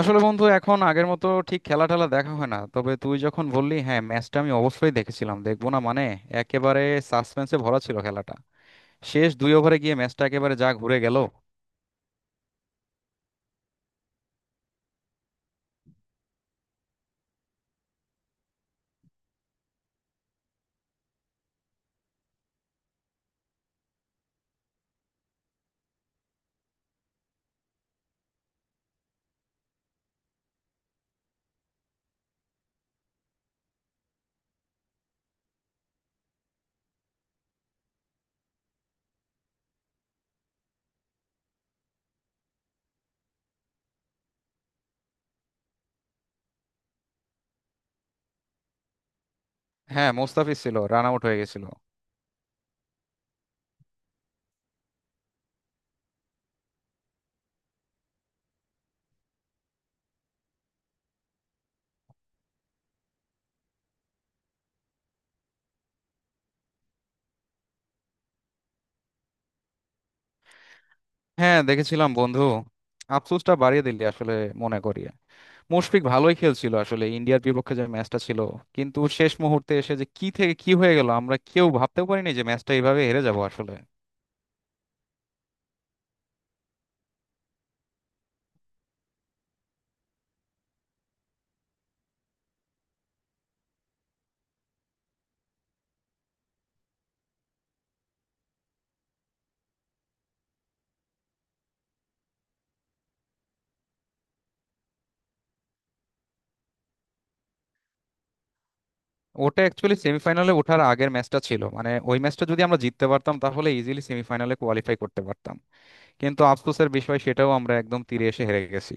আসলে বন্ধু, এখন আগের মতো ঠিক খেলা টেলা দেখা হয় না। তবে তুই যখন বললি, হ্যাঁ ম্যাচটা আমি অবশ্যই দেখেছিলাম, দেখবো না মানে, একেবারে সাসপেন্সে ভরা ছিল খেলাটা। শেষ 2 ওভারে গিয়ে ম্যাচটা একেবারে যা ঘুরে গেল। হ্যাঁ, মোস্তাফিজ ছিল, রান আউট হয়ে গেছিল। হ্যাঁ দেখেছিলাম বন্ধু, আফসোসটা বাড়িয়ে দিলি আসলে। মনে করি মুশফিক ভালোই খেলছিল আসলে, ইন্ডিয়ার বিপক্ষে যে ম্যাচটা ছিল। কিন্তু শেষ মুহূর্তে এসে যে কি থেকে কি হয়ে গেল, আমরা কেউ ভাবতেও পারিনি যে ম্যাচটা এইভাবে হেরে যাব আসলে। ওটা অ্যাকচুয়ালি সেমিফাইনালে ওঠার আগের ম্যাচটা ছিল, মানে ওই ম্যাচটা যদি আমরা জিততে পারতাম, তাহলে ইজিলি সেমিফাইনালে কোয়ালিফাই করতে পারতাম। কিন্তু আফসোসের বিষয়, সেটাও আমরা একদম তীরে এসে হেরে গেছি।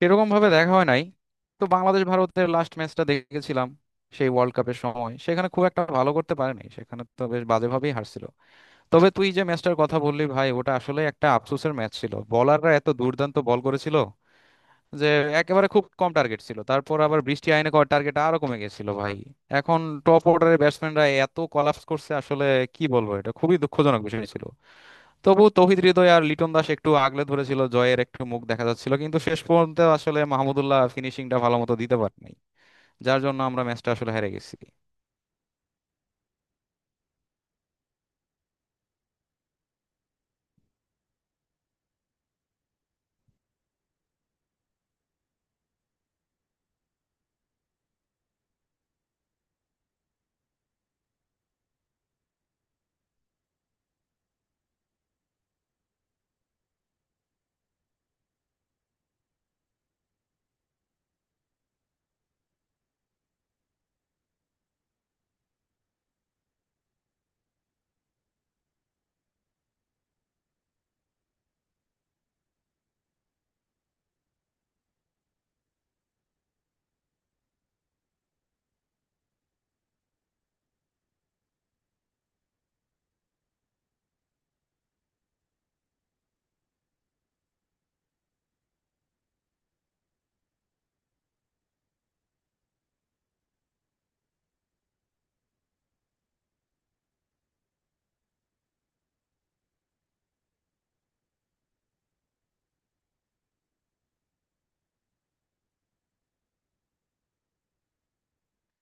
সেরকম ভাবে দেখা হয় নাই, তো বাংলাদেশ ভারতের লাস্ট ম্যাচটা দেখেছিলাম। সেই ওয়ার্ল্ড কাপের সময় সেখানে খুব একটা ভালো করতে পারেনি, সেখানে তো বেশ বাজেভাবেই হারছিল। তবে তুই যে ম্যাচটার কথা বললি ভাই, ওটা আসলে একটা আফসোসের ম্যাচ ছিল। বলাররা এত দুর্দান্ত বল করেছিল যে একেবারে খুব কম টার্গেট ছিল, তারপর আবার বৃষ্টি আইনে করার টার্গেট আরো কমে গেছিল ভাই। এখন টপ অর্ডারের ব্যাটসম্যানরা এত কলাপস করছে আসলে কি বলবো, এটা খুবই দুঃখজনক বিষয় ছিল। তবু তৌহিদ হৃদয় আর লিটন দাস একটু আগলে ধরেছিল, জয়ের একটু মুখ দেখা যাচ্ছিল, কিন্তু শেষ পর্যন্ত আসলে মাহমুদুল্লাহ ফিনিশিংটা ভালো মতো দিতে পারেনি, যার জন্য আমরা ম্যাচটা আসলে হেরে গেছি।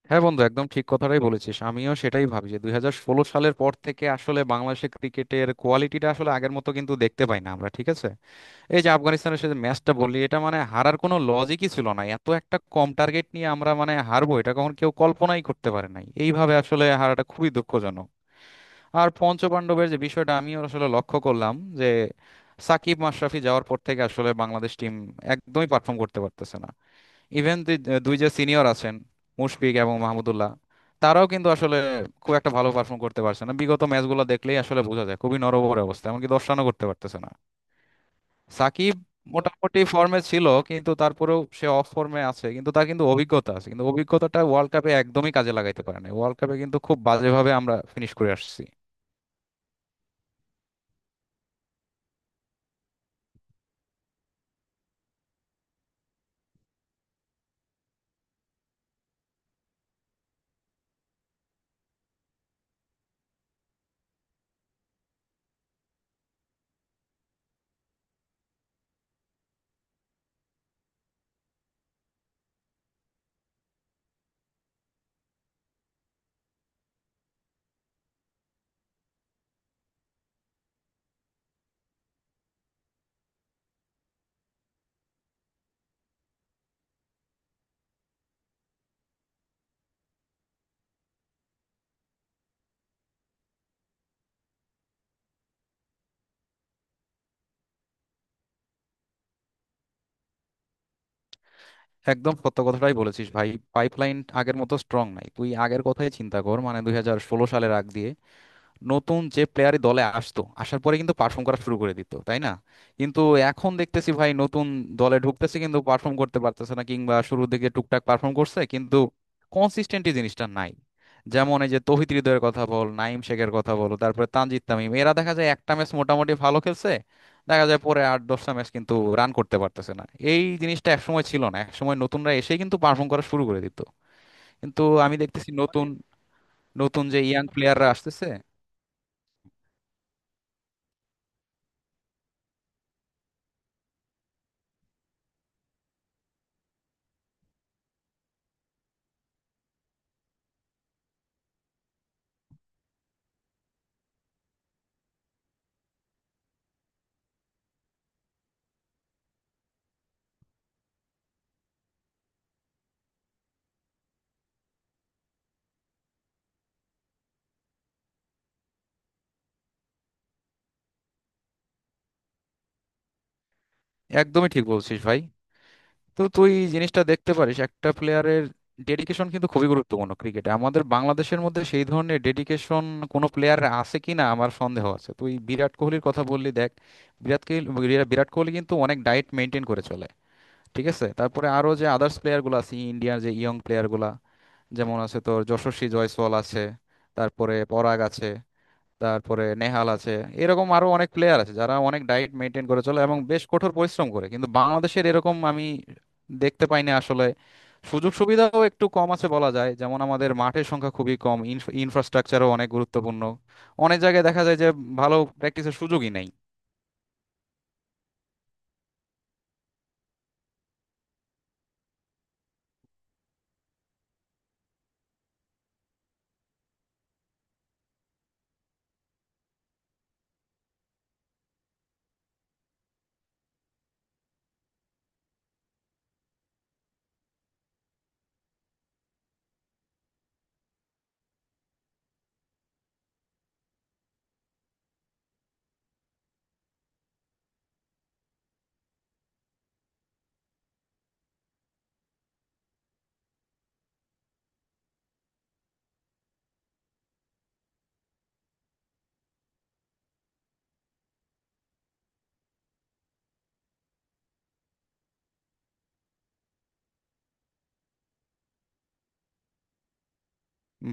হ্যাঁ বন্ধু, একদম ঠিক কথাটাই বলেছিস। আমিও সেটাই ভাবি যে 2016 সালের পর থেকে আসলে বাংলাদেশের ক্রিকেটের কোয়ালিটিটা আসলে আগের মতো কিন্তু দেখতে পাই না আমরা, ঠিক আছে। এই যে আফগানিস্তানের সাথে ম্যাচটা বললি, এটা মানে হারার কোনো লজিকই ছিল না, এত একটা কম টার্গেট নিয়ে আমরা মানে হারবো, এটা কখন কেউ কল্পনাই করতে পারে নাই। এইভাবে আসলে হারাটা খুবই দুঃখজনক। আর পঞ্চপাণ্ডবের যে বিষয়টা আমিও আসলে লক্ষ্য করলাম যে সাকিব মাশরাফি যাওয়ার পর থেকে আসলে বাংলাদেশ টিম একদমই পারফর্ম করতে পারতেছে না। ইভেন দুই যে সিনিয়র আছেন, মুশফিক এবং মাহমুদুল্লাহ, তারাও কিন্তু আসলে খুব একটা ভালো পারফর্ম করতে পারছে না। বিগত ম্যাচগুলো দেখলেই আসলে বোঝা যায় খুবই নড়বড়ে অবস্থা, এমনকি 10 রানও করতে পারতেছে না। সাকিব মোটামুটি ফর্মে ছিল, কিন্তু তারপরেও সে অফ ফর্মে আছে, কিন্তু তার কিন্তু অভিজ্ঞতা আছে, কিন্তু অভিজ্ঞতাটা ওয়ার্ল্ড কাপে একদমই কাজে লাগাইতে পারে না। ওয়ার্ল্ড কাপে কিন্তু খুব বাজেভাবে আমরা ফিনিশ করে আসছি। একদম সত্য কথাটাই বলেছিস ভাই। পাইপলাইন আগের মতো স্ট্রং নাই। তুই আগের কথাই চিন্তা কর, মানে 2016 সালের আগ দিয়ে নতুন যে প্লেয়ারই দলে আসতো, আসার পরে কিন্তু পারফর্ম করা শুরু করে দিত, তাই না? কিন্তু এখন দেখতেছি ভাই, নতুন দলে ঢুকতেছে কিন্তু পারফর্ম করতে পারতেছে না, কিংবা শুরুর দিকে টুকটাক পারফর্ম করছে কিন্তু কনসিস্টেন্টি জিনিসটা নাই। যেমন এই যে তৌহিদ হৃদয়ের কথা বল, নাইম শেখের কথা বল, তারপরে তানজিদ তামিম, এরা দেখা যায় একটা ম্যাচ মোটামুটি ভালো খেলছে, দেখা যায় পরে আট দশটা ম্যাচ কিন্তু রান করতে পারতেছে না। এই জিনিসটা একসময় ছিল না, একসময় নতুনরা এসেই কিন্তু পারফর্ম করা শুরু করে দিত। কিন্তু আমি দেখতেছি নতুন, নতুন যে ইয়াং প্লেয়াররা আসতেছে। একদমই ঠিক বলছিস ভাই। তো তুই জিনিসটা দেখতে পারিস, একটা প্লেয়ারের ডেডিকেশন কিন্তু খুবই গুরুত্বপূর্ণ ক্রিকেটে। আমাদের বাংলাদেশের মধ্যে সেই ধরনের ডেডিকেশন কোনো প্লেয়ার আছে কিনা আমার সন্দেহ আছে। তুই বিরাট কোহলির কথা বললি, দেখ, বিরাট কোহলি কিন্তু অনেক ডায়েট মেনটেন করে চলে, ঠিক আছে। তারপরে আরো যে আদার্স প্লেয়ারগুলো আছে ইন্ডিয়ার, যে ইয়ং প্লেয়ারগুলো, যেমন আছে তোর যশস্বী জয়সওয়াল আছে, তারপরে পরাগ আছে, তারপরে নেহাল আছে, এরকম আরো অনেক প্লেয়ার আছে যারা অনেক ডায়েট মেনটেন করে চলে এবং বেশ কঠোর পরিশ্রম করে, কিন্তু বাংলাদেশের এরকম আমি দেখতে পাই না আসলে। সুযোগ সুবিধাও একটু কম আছে বলা যায়, যেমন আমাদের মাঠের সংখ্যা খুবই কম। ইনফ্রাস্ট্রাকচারও অনেক গুরুত্বপূর্ণ, অনেক জায়গায় দেখা যায় যে ভালো প্র্যাকটিসের সুযোগই নেই।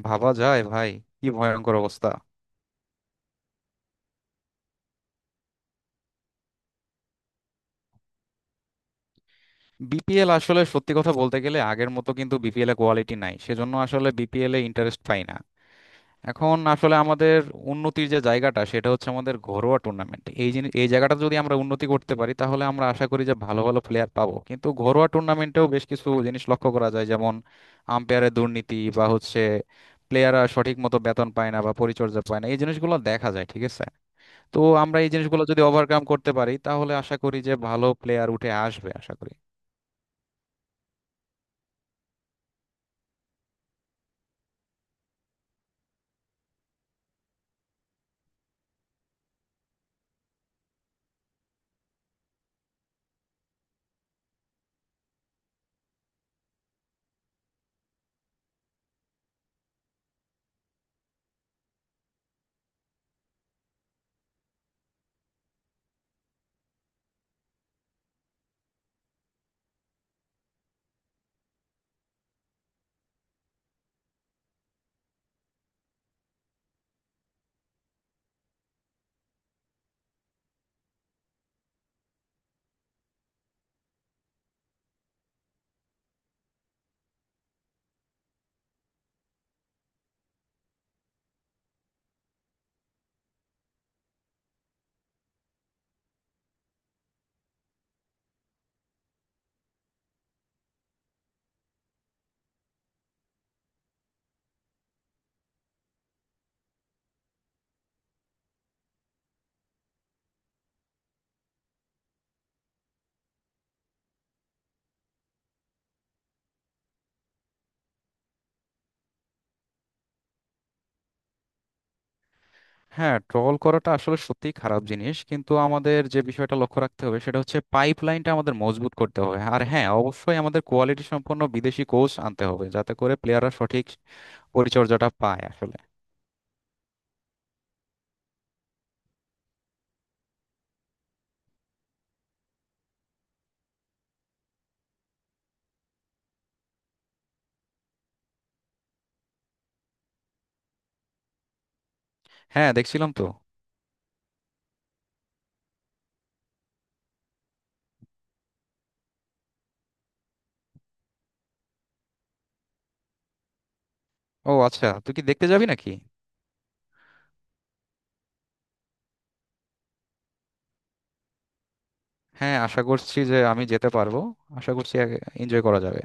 ভাবা যায় ভাই, কি ভয়ঙ্কর অবস্থা। বিপিএল আসলে সত্যি কথা বলতে গেলে আগের মতো কিন্তু বিপিএল এ কোয়ালিটি নাই, সেজন্য আসলে বিপিএল এ ইন্টারেস্ট পাই না। এখন আসলে আমাদের উন্নতির যে জায়গাটা সেটা হচ্ছে আমাদের ঘরোয়া টুর্নামেন্ট। এই জিনিস, এই জায়গাটা যদি আমরা উন্নতি করতে পারি, তাহলে আমরা আশা করি যে ভালো ভালো প্লেয়ার পাবো। কিন্তু ঘরোয়া টুর্নামেন্টেও বেশ কিছু জিনিস লক্ষ্য করা যায়, যেমন আম্পায়ারের দুর্নীতি, বা হচ্ছে প্লেয়াররা সঠিক মতো বেতন পায় না বা পরিচর্যা পায় না, এই জিনিসগুলো দেখা যায়, ঠিক আছে। তো আমরা এই জিনিসগুলো যদি ওভারকাম করতে পারি, তাহলে আশা করি যে ভালো প্লেয়ার উঠে আসবে, আশা করি। হ্যাঁ, ট্রল করাটা আসলে সত্যিই খারাপ জিনিস, কিন্তু আমাদের যে বিষয়টা লক্ষ্য রাখতে হবে সেটা হচ্ছে পাইপ লাইনটা আমাদের মজবুত করতে হবে, আর হ্যাঁ অবশ্যই আমাদের কোয়ালিটি সম্পন্ন বিদেশি কোচ আনতে হবে, যাতে করে প্লেয়াররা সঠিক পরিচর্যাটা পায় আসলে। হ্যাঁ দেখছিলাম তো। ও আচ্ছা, তুই কি দেখতে যাবি নাকি? হ্যাঁ আশা করছি যে আমি যেতে পারবো। আশা করছি এনজয় করা যাবে।